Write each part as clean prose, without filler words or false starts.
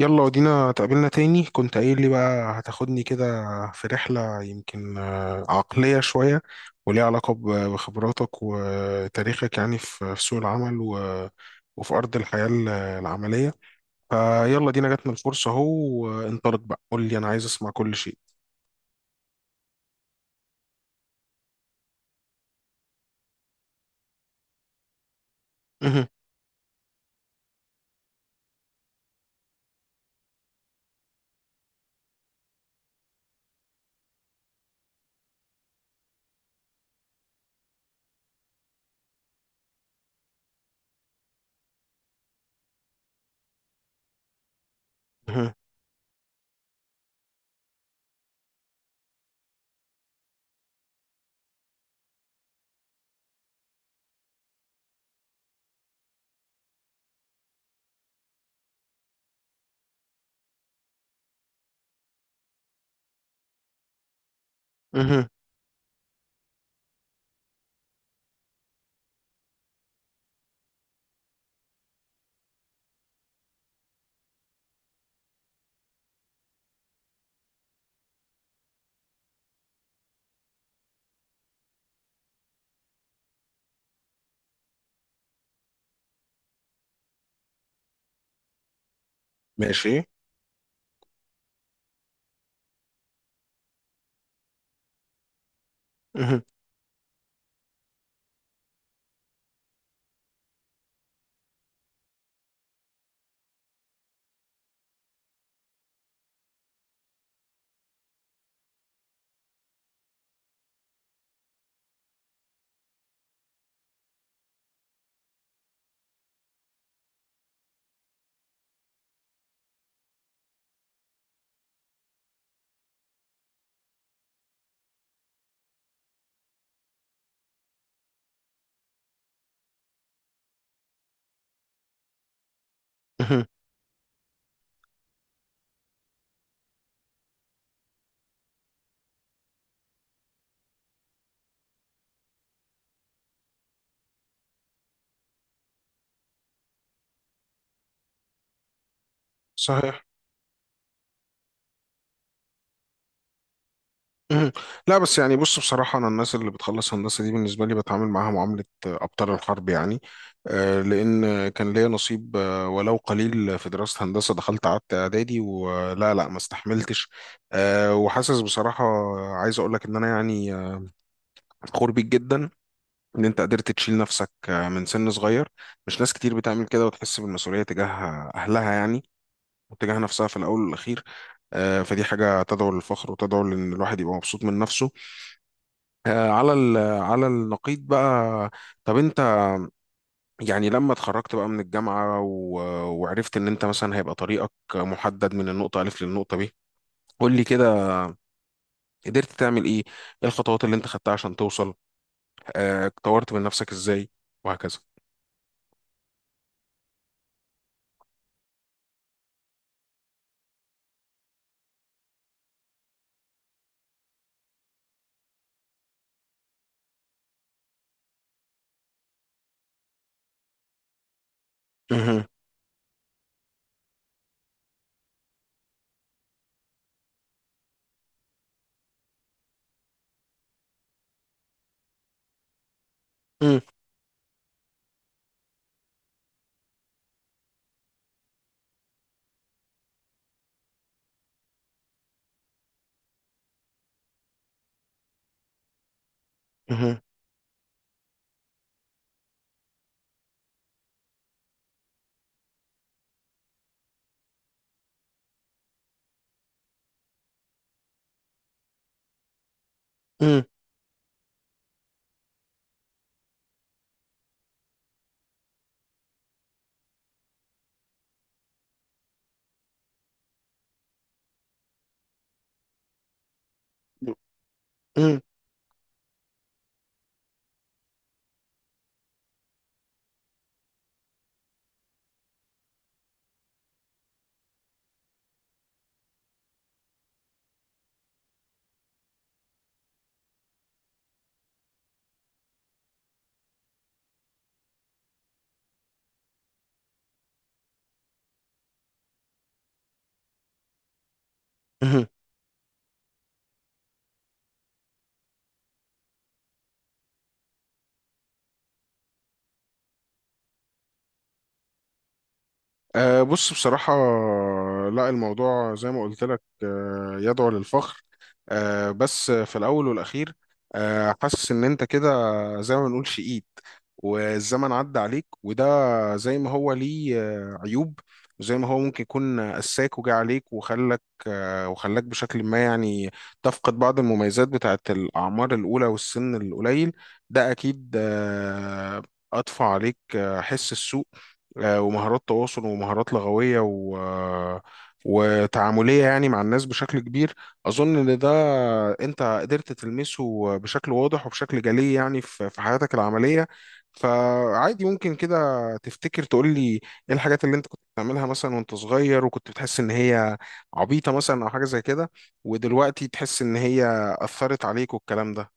يلا، ودينا تقابلنا تاني. كنت قايل لي بقى هتاخدني كده في رحلة يمكن عقلية شوية، وليها علاقة ب- بخبراتك وتاريخك، يعني في سوق العمل و- وفي أرض الحياة ال- العملية. فيلا دينا جاتنا الفرصة أهو، وانطلق بقى. قول لي، أنا عايز أسمع كل شيء. مهم. مهم. مهم. ماشي. مهم. مهم. صحيح. مهم. لا بس يعني بص، بصراحة أنا الناس اللي بتخلص هندسة دي بالنسبة لي بتعامل معاها معاملة أبطال الحرب يعني. لأن كان ليا نصيب، ولو قليل، في دراسة هندسة. دخلت قعدت إعدادي ولا لا ما استحملتش. وحاسس بصراحة، عايز أقول لك إن أنا يعني فخور بيك جدا، إن أنت قدرت تشيل نفسك من سن صغير. مش ناس كتير بتعمل كده وتحس بالمسؤولية تجاه أهلها يعني، وتجاه نفسها في الأول والأخير. فدي حاجة تدعو للفخر وتدعو لأن الواحد يبقى مبسوط من نفسه. على النقيض بقى. طب انت، يعني لما اتخرجت بقى من الجامعة وعرفت ان انت مثلا هيبقى طريقك محدد من النقطة ألف للنقطة ب، قول لي كده، قدرت تعمل ايه؟ ايه الخطوات اللي انت خدتها عشان توصل؟ طورت من نفسك ازاي؟ وهكذا. مهم. مم. مهم. مم. مم. مهم. بص بصراحة، لا الموضوع زي ما قلت لك يدعو للفخر، بس في الأول والأخير حاسس إن أنت كده زي ما بنقول شقيت، والزمن عدى عليك. وده زي ما هو ليه عيوب، وزي ما هو ممكن يكون قساك وجا عليك وخلك آه، وخلاك بشكل ما، يعني تفقد بعض المميزات بتاعت الأعمار الأولى والسن القليل. ده أكيد أضفى عليك حس السوء، ومهارات تواصل ومهارات لغوية و آه، وتعاملية، يعني مع الناس بشكل كبير. أظن إن ده أنت قدرت تلمسه بشكل واضح وبشكل جلي، يعني في حياتك العملية. فعادي ممكن كده تفتكر تقول لي إيه الحاجات اللي أنت كنت بتعملها مثلا وأنت صغير، وكنت بتحس إن هي عبيطة مثلا أو حاجة زي كده، ودلوقتي تحس إن هي أثرت عليك والكلام ده.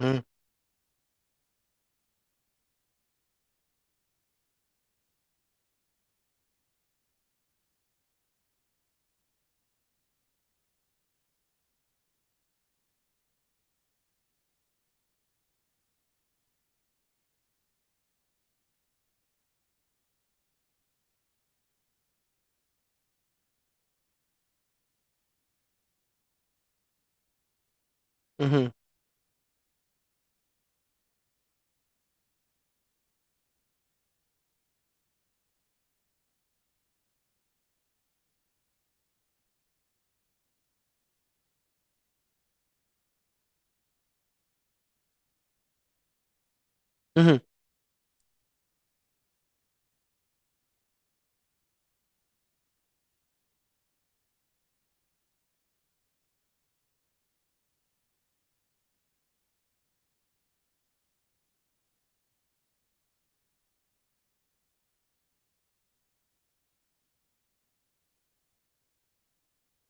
مم. مهم. مهم.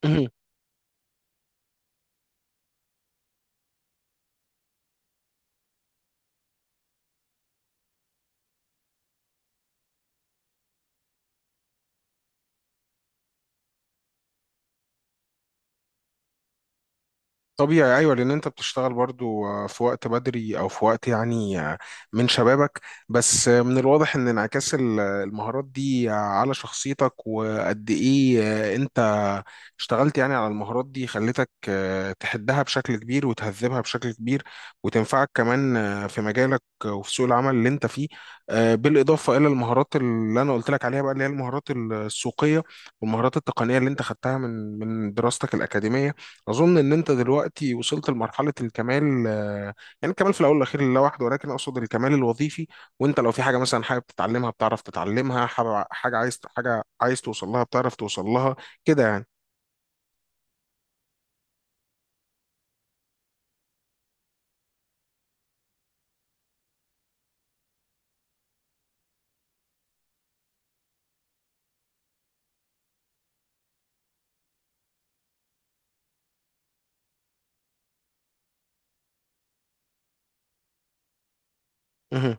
مهم. طبيعي، ايوه، لان انت بتشتغل برضو في وقت بدري او في وقت يعني من شبابك. بس من الواضح ان انعكاس المهارات دي على شخصيتك، وقد ايه انت اشتغلت يعني على المهارات دي خلتك تحدها بشكل كبير وتهذبها بشكل كبير، وتنفعك كمان في مجالك وفي سوق العمل اللي انت فيه. بالاضافه الى المهارات اللي انا قلت لك عليها بقى، اللي هي المهارات السوقيه والمهارات التقنيه اللي انت خدتها من دراستك الاكاديميه. اظن ان انت دلوقتي وصلت لمرحله الكمال. يعني الكمال في الاول والاخير لله وحده، ولكن اقصد الكمال الوظيفي. وانت لو في حاجه مثلا حابب تتعلمها بتعرف تتعلمها، حاجه عايز توصل لها بتعرف توصل لها، كده يعني. مهم.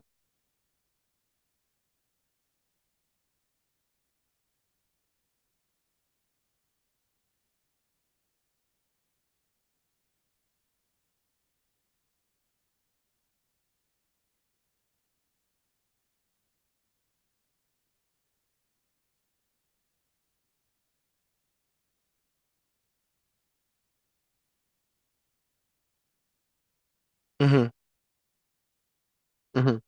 مهم. مهم.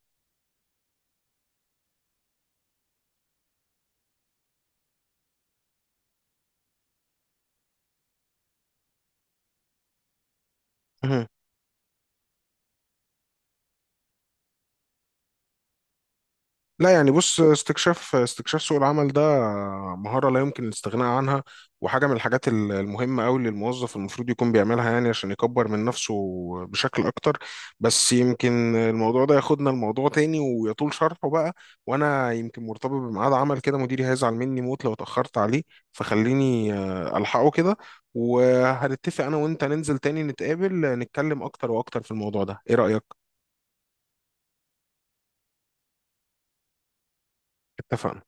مهم. لا يعني بص، استكشاف سوق العمل ده مهارة لا يمكن الاستغناء عنها، وحاجة من الحاجات المهمة أوي اللي الموظف المفروض يكون بيعملها، يعني عشان يكبر من نفسه بشكل أكتر. بس يمكن الموضوع ده ياخدنا لموضوع تاني ويطول شرحه بقى، وأنا يمكن مرتبط بميعاد عمل كده، مديري هيزعل مني موت لو اتأخرت عليه، فخليني ألحقه كده. وهنتفق أنا وأنت ننزل تاني نتقابل نتكلم أكتر وأكتر في الموضوع ده، إيه رأيك؟ اتفقنا.